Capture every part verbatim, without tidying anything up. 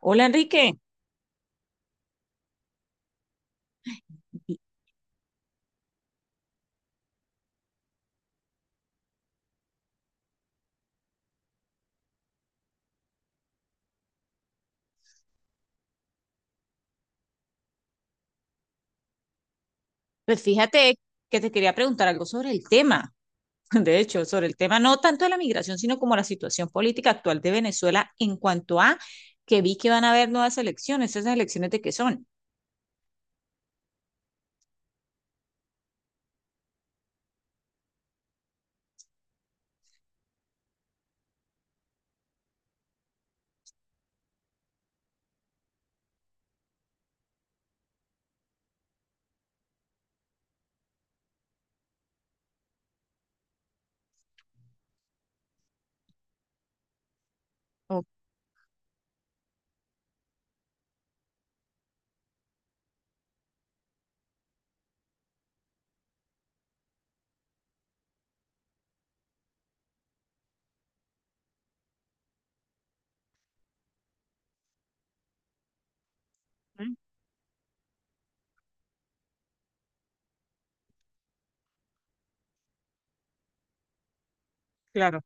Hola Enrique, pues fíjate que te quería preguntar algo sobre el tema, de hecho, sobre el tema no tanto de la migración, sino como la situación política actual de Venezuela en cuanto a que vi que van a haber nuevas elecciones, ¿esas elecciones de qué son? Ok. Claro.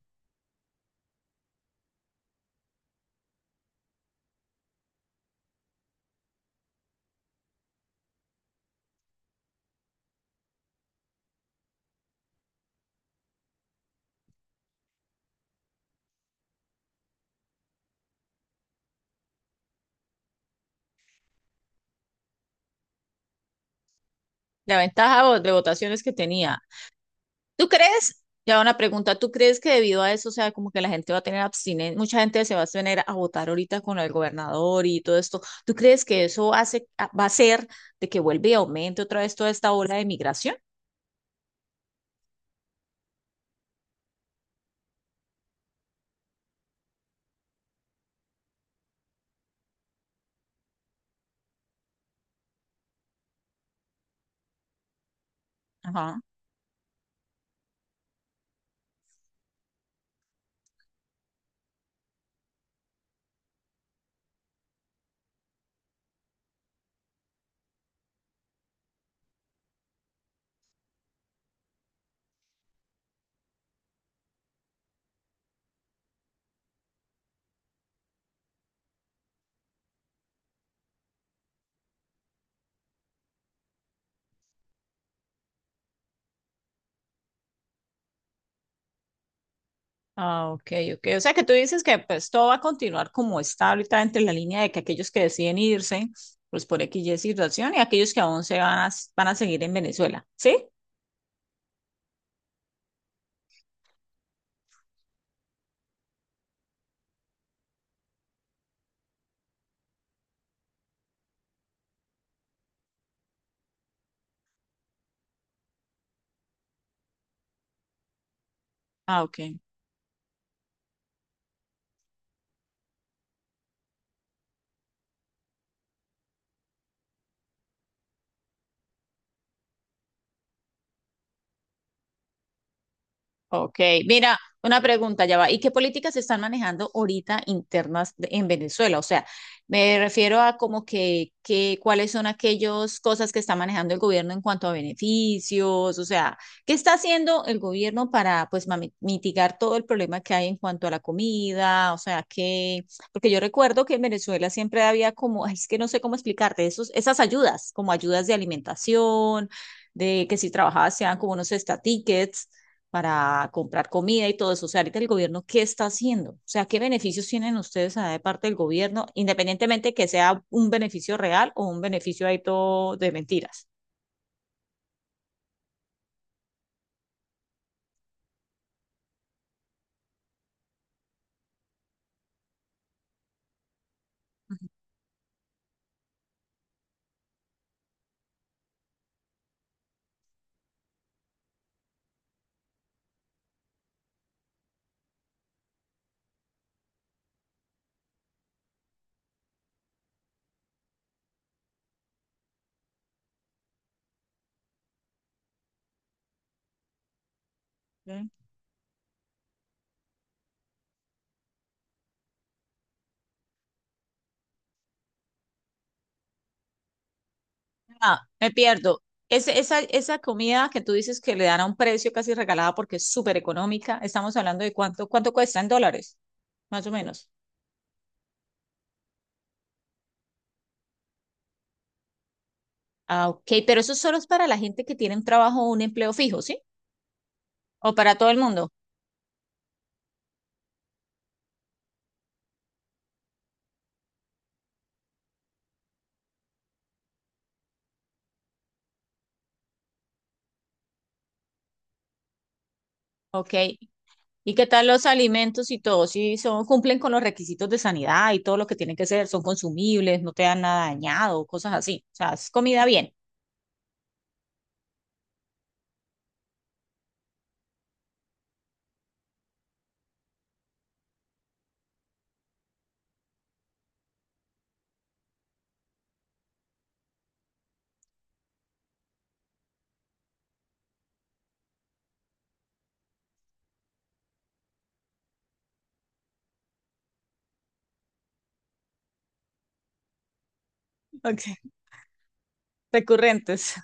La ventaja vo- de votaciones que tenía. ¿Tú crees? Ya una pregunta, ¿tú crees que debido a eso, o sea, como que la gente va a tener abstinencia, mucha gente se va a abstener a votar ahorita con el gobernador y todo esto? ¿Tú crees que eso hace, a- va a ser de que vuelva y aumente otra vez toda esta ola de migración? Ajá. Ah, ok, ok. O sea que tú dices que pues todo va a continuar como está ahorita entre la línea de que aquellos que deciden irse, pues por X y Y situación, y aquellos que aún se van a, van a seguir en Venezuela, ¿sí? Ah, ok. Ok, mira, una pregunta ya va. ¿Y qué políticas se están manejando ahorita internas de- en Venezuela? O sea, me refiero a como que, que cuáles son aquellas cosas que está manejando el gobierno en cuanto a beneficios, o sea, ¿qué está haciendo el gobierno para pues mami- mitigar todo el problema que hay en cuanto a la comida? O sea, que, porque yo recuerdo que en Venezuela siempre había como, ay, es que no sé cómo explicarte, esos, esas ayudas, como ayudas de alimentación, de que si trabajabas sean como unos estatiques para comprar comida y todo eso. O sea, ahorita el gobierno, ¿qué está haciendo? O sea, ¿qué beneficios tienen ustedes ah, de parte del gobierno, independientemente que sea un beneficio real o un beneficio ahí todo de mentiras? ¿Sí? Ah, me pierdo. Es- esa, esa comida que tú dices que le dan a un precio casi regalada porque es súper económica, estamos hablando de cuánto, cuánto cuesta en dólares, más o menos. Ah, ok, pero eso solo es para la gente que tiene un trabajo o un empleo fijo, ¿sí? ¿O para todo el mundo? Ok. ¿Y qué tal los alimentos y todo? Si son, cumplen con los requisitos de sanidad y todo lo que tienen que ser, son consumibles, no te dan nada dañado, cosas así. O sea, es comida bien. Ok, recurrentes.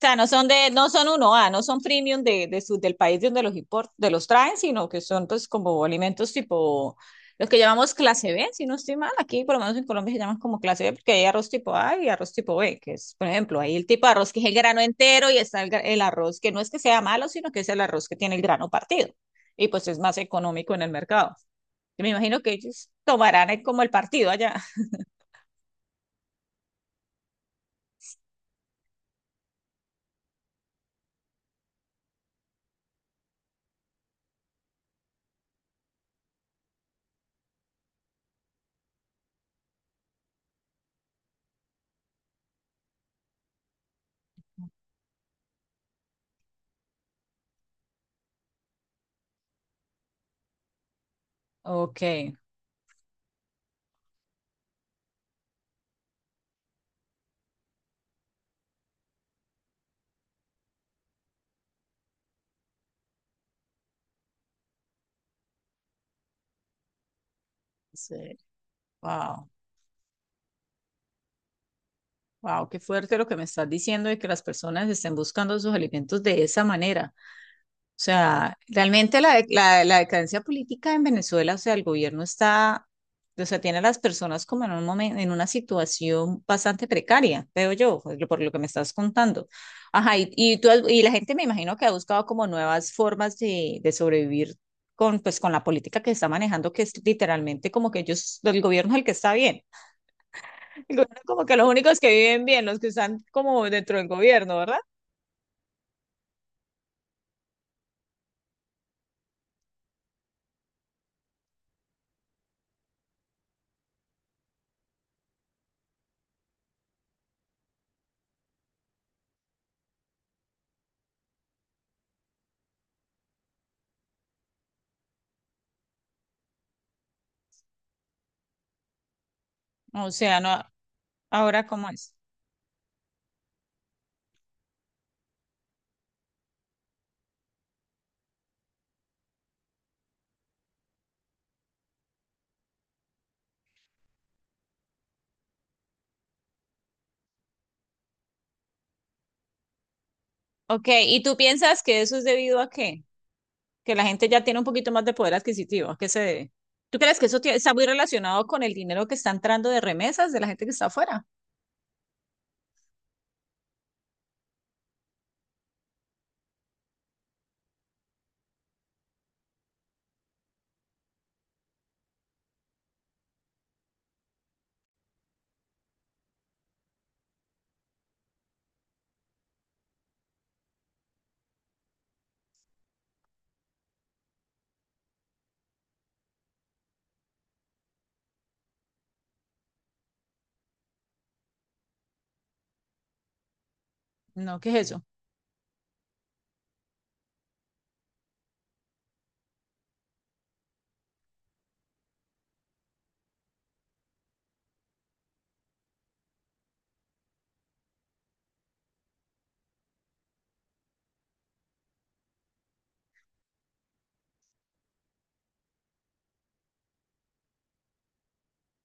Sea, no son de, no son uno a no son premium de, de su, del país de donde los import, de los traen, sino que son pues como alimentos tipo los que llamamos clase B, si no estoy mal, aquí por lo menos en Colombia se llaman como clase B porque hay arroz tipo A y arroz tipo B, que es, por ejemplo, ahí el tipo de arroz que es el grano entero y está el, gra- el arroz que no es que sea malo, sino que es el arroz que tiene el grano partido y pues es más económico en el mercado. Yo me imagino que ellos tomarán eh, como el partido allá. Ok, sí, wow. Wow, qué fuerte lo que me estás diciendo de que las personas estén buscando sus alimentos de esa manera. O sea, realmente la, de- la, la decadencia política en Venezuela, o sea, el gobierno está, o sea, tiene a las personas como en un momento, en una situación bastante precaria, veo yo, por lo por lo que me estás contando. Ajá, y, y tú has- y la gente me imagino que ha buscado como nuevas formas de, de sobrevivir con, pues, con la política que está manejando, que es literalmente como que ellos, el gobierno es el que está bien. El como que los únicos que viven bien, los que están como dentro del gobierno, ¿verdad? O sea, no, ahora cómo es. Ok, ¿y tú piensas que eso es debido a qué? Que la gente ya tiene un poquito más de poder adquisitivo, ¿a qué se debe? ¿Tú crees que eso tie- está muy relacionado con el dinero que está entrando de remesas de la gente que está afuera? No, ¿qué es eso?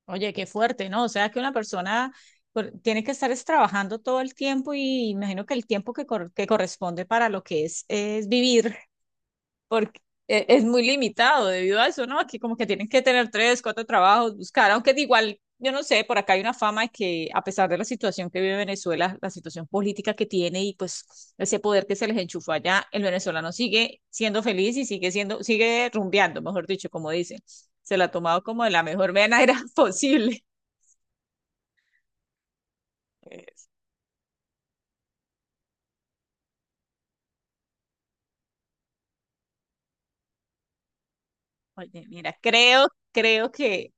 Oye, qué fuerte, ¿no? O sea, que una persona por- tiene que estar es trabajando todo el tiempo y imagino que el tiempo que, cor- que corresponde para lo que es, es vivir, porque e- es muy limitado debido a eso, ¿no? Aquí como que tienen que tener tres, cuatro trabajos, buscar, aunque de igual, yo no sé, por acá hay una fama de que a pesar de la situación que vive Venezuela, la situación política que tiene y pues ese poder que se les enchufó allá, el venezolano sigue siendo feliz y sigue siendo, sigue rumbeando, mejor dicho, como dicen. Se la ha tomado como de la mejor manera posible. Oye, mira, creo, creo que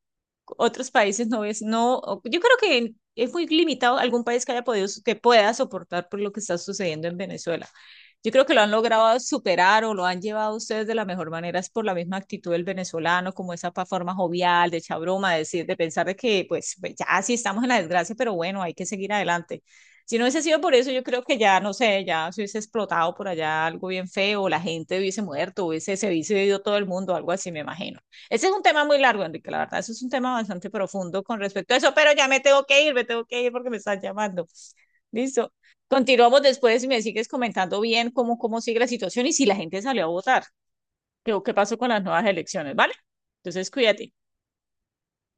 otros países no ves, no, o- yo creo que es muy limitado algún país que haya podido, so, que pueda soportar por lo que está sucediendo en Venezuela. Yo creo que lo han logrado superar o lo han llevado ustedes de la mejor manera es por la misma actitud del venezolano, como esa pa- forma jovial, de echar broma, de decir, de pensar de que pues pues, ya sí estamos en la desgracia, pero bueno, hay que seguir adelante. Si no hubiese sido por eso, yo creo que ya, no sé, ya se hubiese explotado por allá algo bien feo, la gente hubiese muerto, hubiese, se hubiese ido todo el mundo, algo así, me imagino. Ese es un tema muy largo, Enrique, la verdad, eso es un tema bastante profundo con respecto a eso, pero ya me tengo que ir, me tengo que ir porque me están llamando. Listo. Continuamos después y me sigues comentando bien cómo, cómo sigue la situación y si la gente salió a votar, qué, qué pasó con las nuevas elecciones, ¿vale? Entonces, cuídate.